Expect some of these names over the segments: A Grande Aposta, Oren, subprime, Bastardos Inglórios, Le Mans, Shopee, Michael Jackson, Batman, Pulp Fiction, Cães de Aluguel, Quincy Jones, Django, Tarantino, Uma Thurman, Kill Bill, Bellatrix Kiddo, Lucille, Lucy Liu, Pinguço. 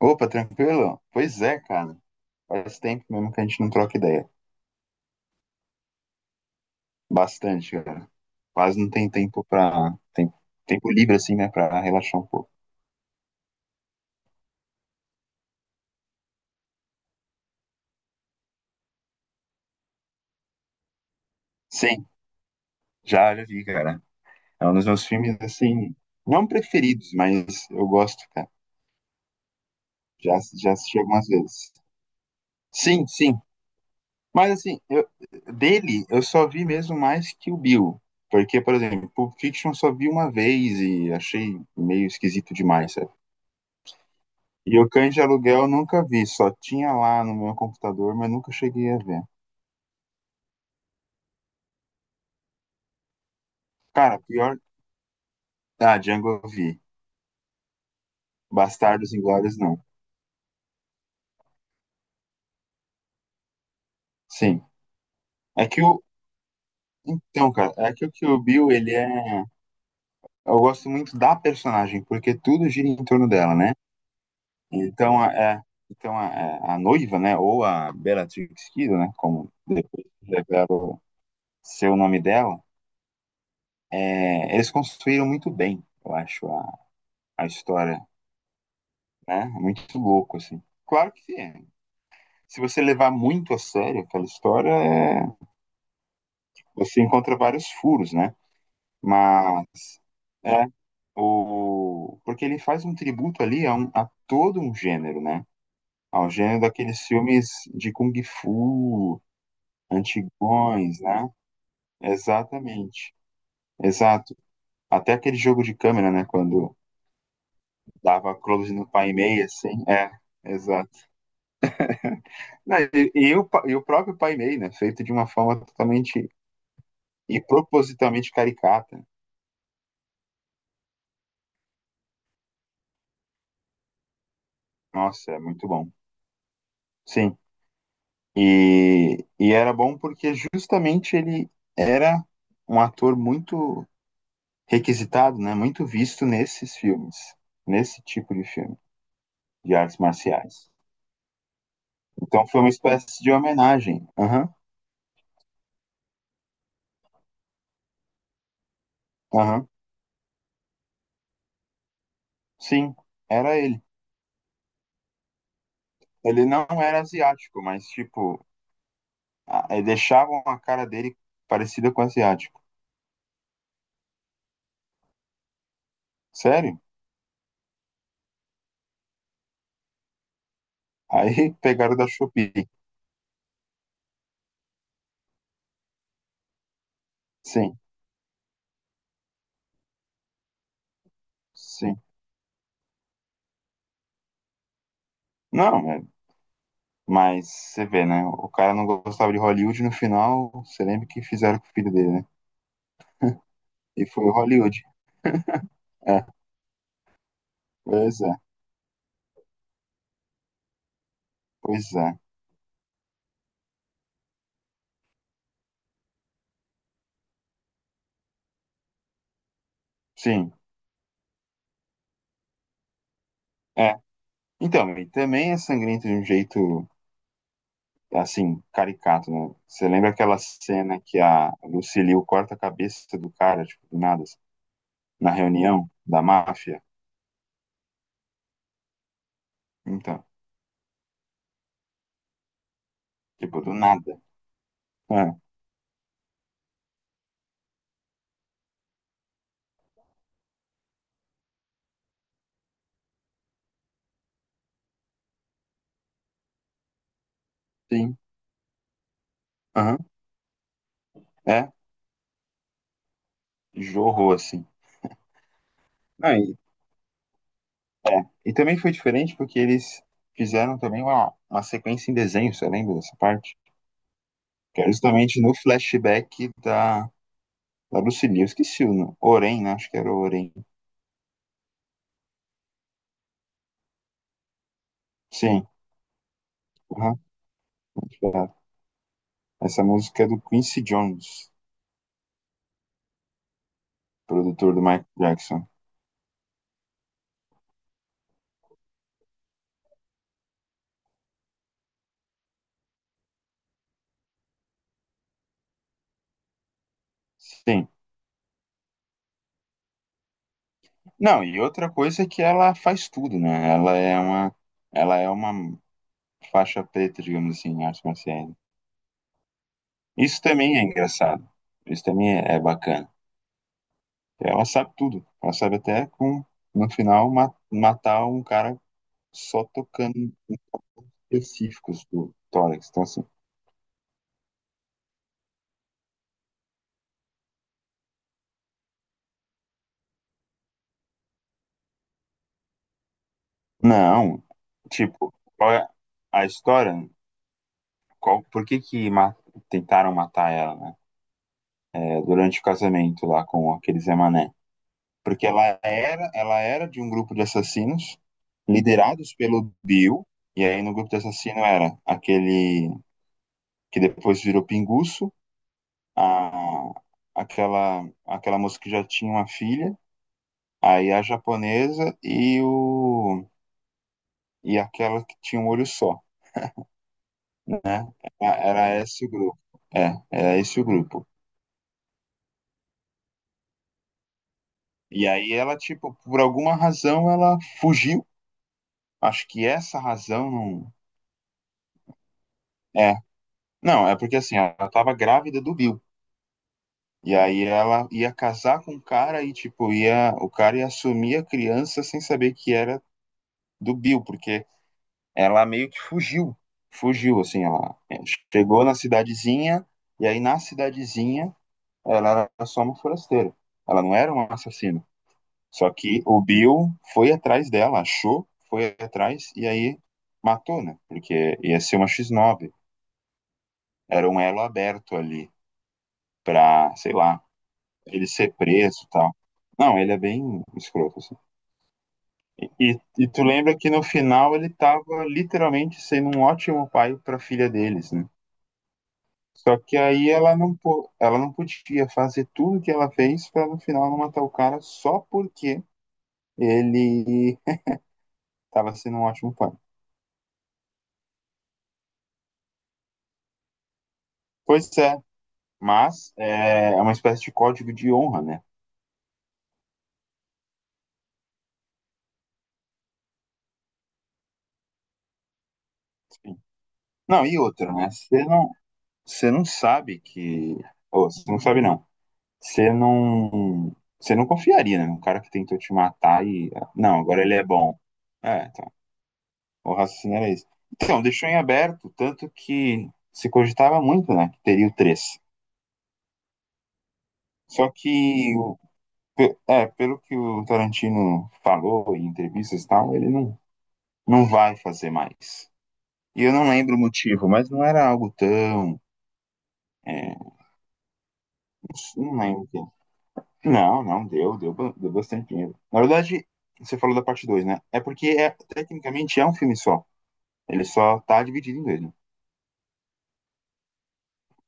Opa, tranquilo? Pois é, cara. Faz tempo mesmo que a gente não troca ideia. Bastante, cara. Quase não tem tempo pra. Tem tempo livre, assim, né? Pra relaxar um pouco. Sim, já vi, cara. É um dos meus filmes, assim, não preferidos, mas eu gosto, cara. Já, já assisti algumas vezes. Sim, sim. Mas, assim, eu, dele, eu só vi mesmo mais que o Bill. Porque, por exemplo, Pulp Fiction eu só vi uma vez e achei meio esquisito demais. E o Cães de Aluguel eu nunca vi, só tinha lá no meu computador, mas nunca cheguei a ver. Cara, pior. Ah, Django eu vi. Bastardos Inglórios não. Sim. É que o. Então, cara, é que o Kill Bill, ele é. Eu gosto muito da personagem, porque tudo gira em torno dela, né? Então, a- é. Então, a noiva, né? Ou a Bellatrix Kiddo, né? Como revela o seu nome dela, eles construíram muito bem, eu acho, a história, né? É muito louco, assim. Claro que sim. Se você levar muito a sério aquela história, você encontra vários furos, né? Mas é o porque ele faz um tributo ali a, a todo um gênero, né? Ao gênero daqueles filmes de kung fu antigões, né? Exatamente. Exato. Até aquele jogo de câmera, né? Quando dava close no pai e meia, assim. É, exato. Não, E o próprio pai e né? Feito de uma forma totalmente e propositalmente caricata. Nossa, é muito bom. Sim. E era bom porque justamente ele era um ator muito requisitado, né? Muito visto nesses filmes, nesse tipo de filme, de artes marciais. Então foi uma espécie de homenagem. Aham, aham. Sim, era ele. Ele não era asiático, mas tipo, deixavam a cara dele parecida com asiático. Sério? Aí pegaram da Shopee. Sim, sim. Não, é, mas você vê, né? O cara não gostava de Hollywood no final, você lembra que fizeram com o filho dele, né? E foi o Hollywood. É, pois é, pois é. Sim, é. Então, e também é sangrento de um jeito, assim, caricato, né? Você lembra aquela cena que a Lucy Liu corta a cabeça do cara, tipo, do nada, assim, na reunião da máfia? Então, tipo, do nada. É, sim, aham, é, jorrou, assim. Ah, e também foi diferente porque eles fizeram também uma sequência em desenho, você lembra dessa parte? Que era justamente no flashback da, da Lucille. Eu esqueci o nome. Oren, né? Acho que era o Oren. Sim. Aham, muito obrigado. Essa música é do Quincy Jones, produtor do Michael Jackson. Sim. Não, e outra coisa é que ela faz tudo, né? Ela é uma faixa preta, digamos assim, em artes marciais. Isso também é engraçado. Isso também é bacana. Ela sabe tudo. Ela sabe até com, no final, matar um cara só tocando em específicos do tórax. Então, assim, não. Tipo, qual é a história? Qual, por que que ma- tentaram matar ela, né? É, durante o casamento lá com aquele Zé Mané? Porque ela era de um grupo de assassinos liderados pelo Bill. E aí no grupo de assassino era aquele que depois virou Pinguço, a, aquela moça que já tinha uma filha, aí a japonesa e aquela que tinha um olho só. Ah, era esse o grupo. É, era esse o grupo. E aí ela, tipo, por alguma razão ela fugiu. Acho que essa razão não. É. Não, é porque assim, ela tava grávida do Bill. E aí ela ia casar com o cara e, tipo, ia, o cara ia assumir a criança sem saber que era do Bill, porque ela meio que fugiu, assim, chegou na cidadezinha, e aí na cidadezinha ela era só uma forasteira, ela não era uma assassina. Só que o Bill foi atrás dela, achou, foi atrás, e aí matou, né? Porque ia ser uma X9, era um elo aberto ali pra, sei lá, ele ser preso e tal. Não, ele é bem escroto, assim. E tu lembra que no final ele tava literalmente sendo um ótimo pai pra filha deles, né? Só que aí ela não podia fazer tudo que ela fez pra no final não matar o cara só porque ele tava sendo um ótimo pai. Pois é, mas é uma espécie de código de honra, né? Sim. Não, e outra, né? Você não sabe que. Ou, você não sabe, não. Você não confiaria, né? Um cara que tentou te matar e. Não, agora ele é bom. É, então. O raciocínio era esse. Então, deixou em aberto, tanto que se cogitava muito, né, que teria o três. Só que, o- pe- é, Pelo que o Tarantino falou em entrevistas e tal, ele não, não vai fazer mais. E eu não lembro o motivo, mas não era algo tão. é, não lembro. O que. Não, não, deu bastante dinheiro. Na verdade, você falou da parte 2, né? É porque, é, tecnicamente, é um filme só. Ele só tá dividido em dois, né?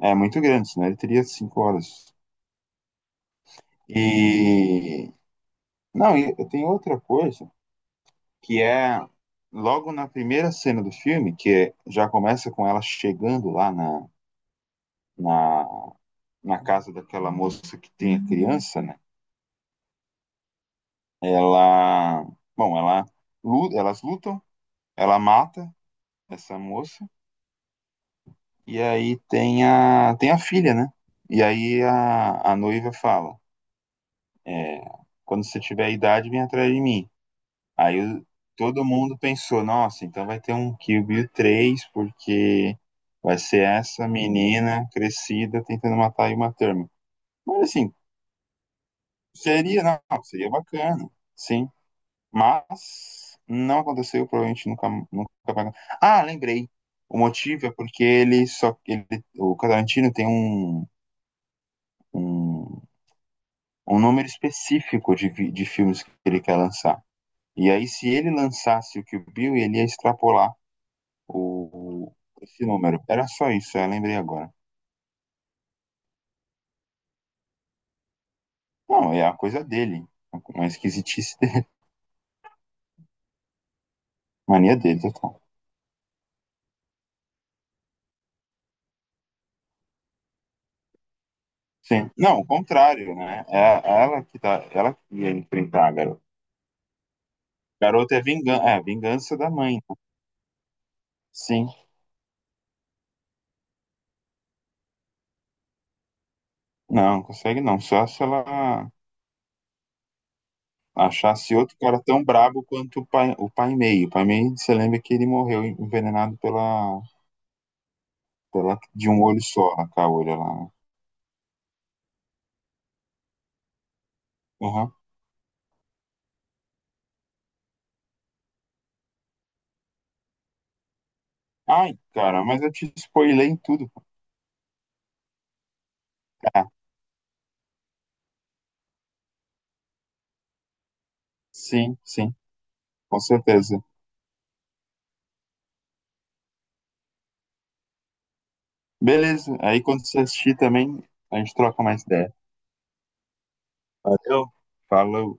É muito grande, senão ele teria cinco horas. E Não, e tem outra coisa que é logo na primeira cena do filme, já começa com ela chegando lá na, na, na casa daquela moça que tem a criança, né? Ela, bom, ela, Elas lutam, ela mata essa moça e aí tem a, tem a filha, né? E aí a noiva fala, quando você tiver idade, vem atrás de mim. Aí o- Todo mundo pensou, nossa, então vai ter um Kill Bill 3, porque vai ser essa menina crescida tentando matar a Uma Thurman. Mas assim, não, seria bacana, sim. Mas não aconteceu, provavelmente nunca, nunca vai. Ah, lembrei. O motivo é porque ele só. Ele, O Tarantino tem um, um, um número específico de, de filmes que ele quer lançar. E aí, se ele lançasse o Kill Bill, ele ia extrapolar o, esse número. Era só isso, eu lembrei agora. Não, é a coisa dele. Uma esquisitice dele, mania dele, total. Sim. Não, o contrário, né? É ela que ia enfrentar a garota. Garota é vingança da mãe, né? Sim. Não, não consegue não. Só se ela achasse outro cara tão brabo quanto o pai meio. O pai meio, você lembra que ele morreu envenenado pela, pela de um olho só, a caolha lá. Uhum. Ai, cara, mas eu te spoilei em tudo. Ah, sim, sim, com certeza. Beleza, aí quando você assistir também, a gente troca mais ideia. Valeu, falou.